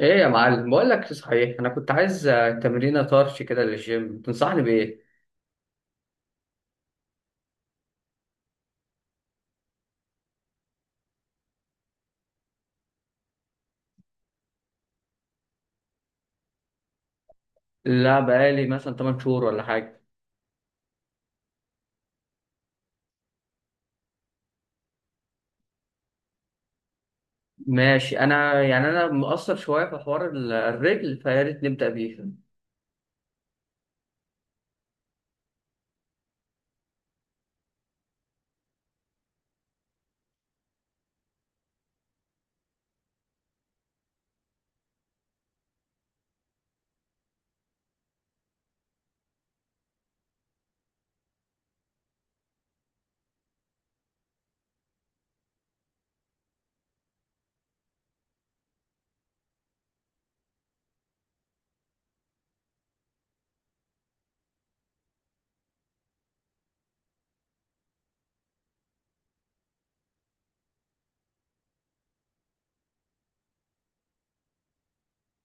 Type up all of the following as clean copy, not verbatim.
ايه يا معلم، بقول لك صحيح، انا كنت عايز تمرينه طرش كده للجيم. تنصحني بايه؟ لا، بقالي مثلا 8 شهور ولا حاجه. ماشي، انا يعني انا مقصر شويه في حوار الرجل، فيا ريت نبدا بيه.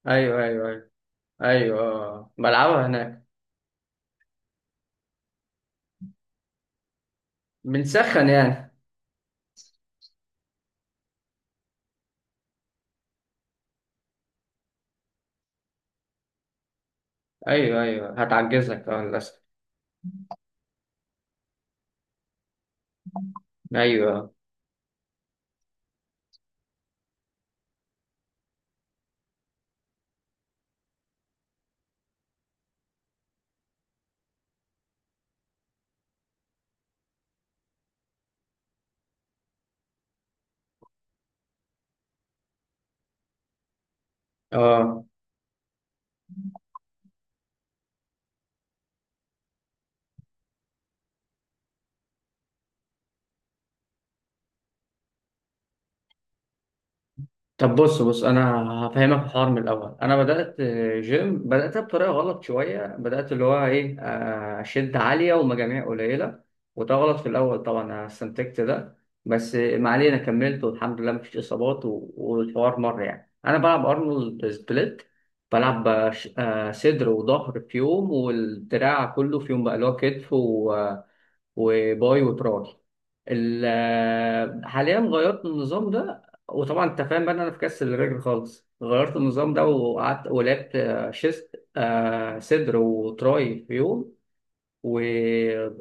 ايوه، ايوه، ايوه. ايوه، آه. بلعبها هناك. بنسخن يعني. ايوه، ايوه، هتعجزك، اه، للاسف. ايوه. اه. طب بص بص، انا هفهمك الحوار من الاول. انا بدات جيم، بداتها بطريقه غلط شويه، بدات اللي هو ايه، شد عاليه ومجاميع قليله، وده غلط في الاول طبعا. انا استنتجت ده، بس ما علينا، كملت والحمد لله مفيش اصابات، والحوار مر يعني. انا بلعب ارنولد سبليت، بلعب صدر وظهر في يوم، والدراع كله في يوم بقى، اللي هو كتف وباي وتراي. حاليا غيرت النظام ده، وطبعا انت فاهم بقى ان انا في كاس الرجل خالص غيرت النظام ده، وقعدت ولعبت شيست، صدر وتراي في يوم و...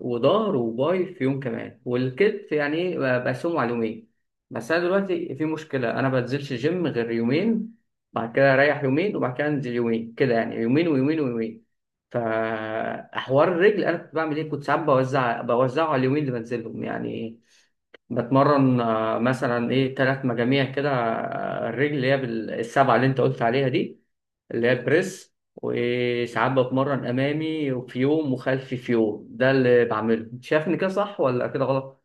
وظهر وباي في يوم كمان، والكتف يعني ايه، بقسمه على يومين. بس انا دلوقتي في مشكله، انا ما بنزلش جيم غير يومين. بعد كده اريح يومين، وبعد كده انزل يومين، كده يعني، يومين ويومين ويومين. فحوار الرجل انا كنت بعمل ايه، كنت ساعات بوزعه على اليومين اللي بنزلهم يعني. بتمرن مثلا ايه، ثلاث مجاميع كده، الرجل اللي هي بالسبعه اللي انت قلت عليها دي، اللي هي البريس. وساعات بتمرن امامي وفي يوم، وخلفي في يوم. ده اللي بعمله. انت شايف ان كده صح ولا كده غلط؟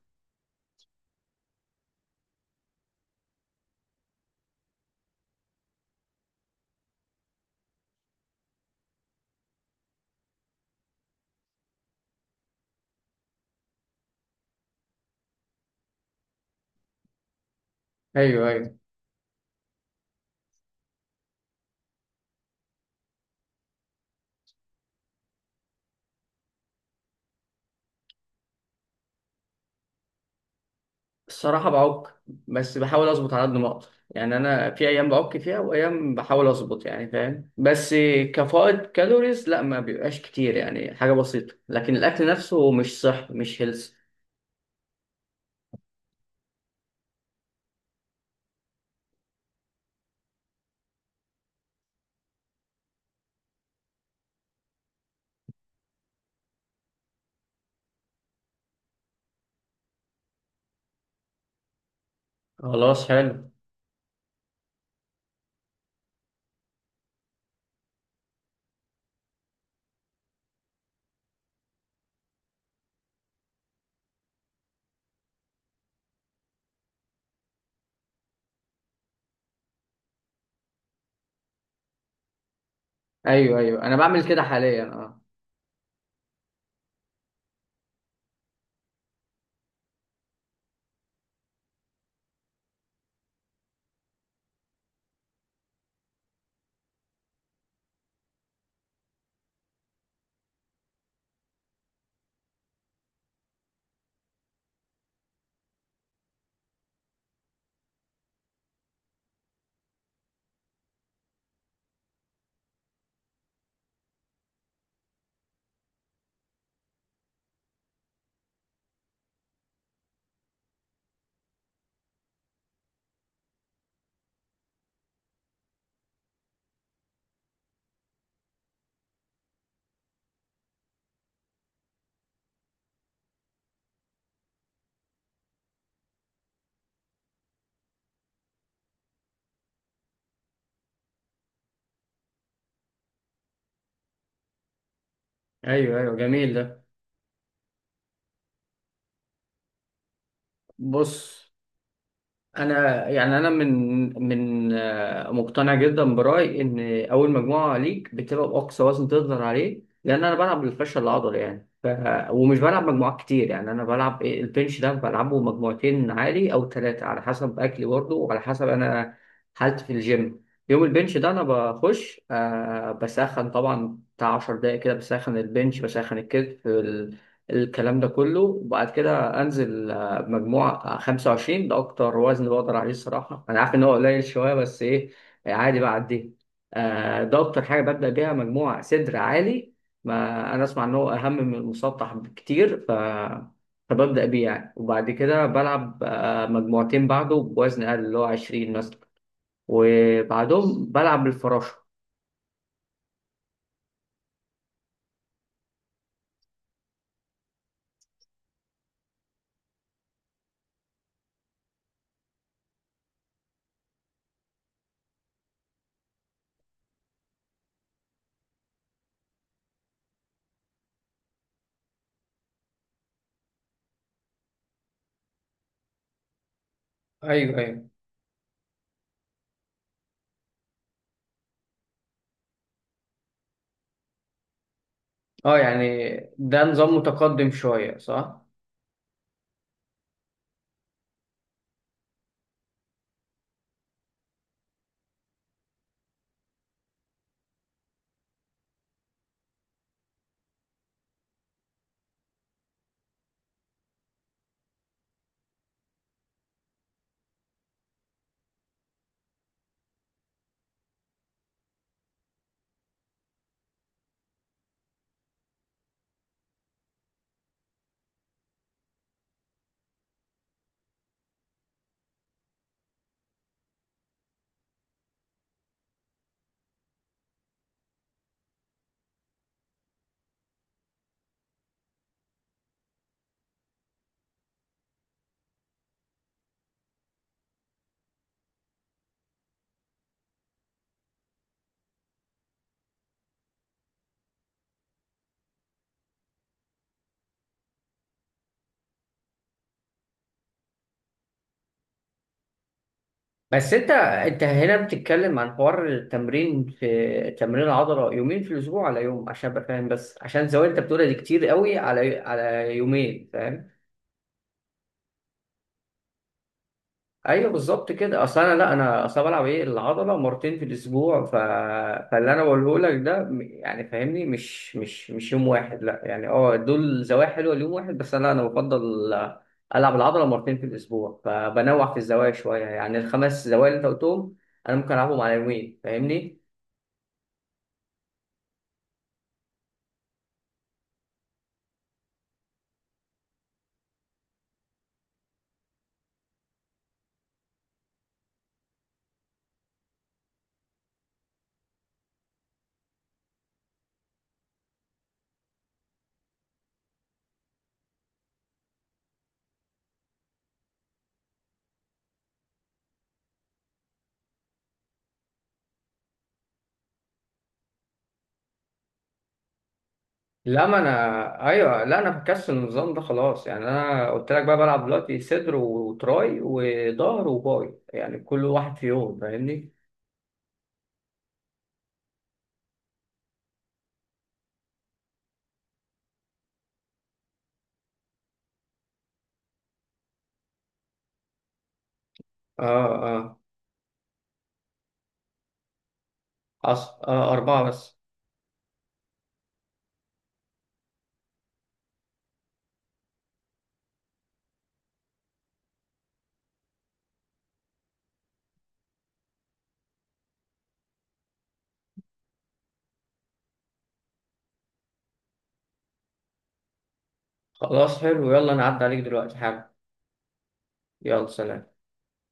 ايوه، ايوه. الصراحه بعك، بس بحاول اظبط على قد ما اقدر يعني. انا في ايام بعك فيها، وايام بحاول اظبط يعني، فاهم؟ بس كفائض كالوريز لا، ما بيبقاش كتير يعني، حاجه بسيطه. لكن الاكل نفسه مش صح، مش هيلث. خلاص، حلو. ايوه، ايوه، انا بعمل كده حاليا، اه. ايوه، ايوه، جميل ده. بص، انا يعني انا من من مقتنع جدا برايي ان اول مجموعه ليك بتبقى باقصى وزن تقدر عليه، لان انا بلعب بالفشل العضلي يعني. ومش بلعب مجموعات كتير يعني. انا بلعب البنش ده بلعبه مجموعتين عالي او ثلاثه، على حسب اكلي برضه، وعلى حسب انا حالتي في الجيم. يوم البنش ده انا بخش، بسخن طبعا بتاع 10 دقايق كده، بسخن البنش، بسخن الكتف، الكلام ده كله. وبعد كده انزل مجموع 25. ده اكتر وزن بقدر عليه الصراحه. انا عارف ان هو قليل شويه، بس ايه، عادي بعديه. ده اكتر حاجه ببدا بيها، مجموع صدر عالي، ما انا اسمع ان هو اهم من المسطح بكتير. فببدا بيه يعني. وبعد كده بلعب مجموعتين بعده بوزن اقل، اللي هو 20 مثلا، وبعدهم بلعب بالفراشه. ايوه، ايوه، اه يعني. ده نظام متقدم شويه، صح؟ بس انت هنا بتتكلم عن حوار التمرين، في تمرين عضلة يومين في الاسبوع على يوم عشان ابقى فاهم بس، عشان الزوايا اللي انت بتقولها دي كتير قوي على يومين، فاهم؟ ايوه بالظبط كده. اصل انا، لا، انا اصل أنا بلعب ايه، العضله مرتين في الاسبوع. فاللي انا بقوله لك ده يعني فاهمني، مش يوم واحد. لا يعني، دول زوايا حلوه ليوم واحد، بس انا بفضل العب العضله مرتين في الاسبوع، فبنوع في الزوايا شويه يعني. الخمس زوايا اللي انت قلتهم انا ممكن العبهم على يومين، فاهمني؟ لا، ما انا، ايوه، لا، انا بكسل النظام ده خلاص يعني. انا قلت لك بقى بلعب دلوقتي صدر وتراي وظهر وباي، يعني كل واحد في يوم، فاهمني؟ اه، اه. اربعه بس. خلاص، حلو، يلا، انا عدى عليك دلوقتي حاجه. يلا، سلام.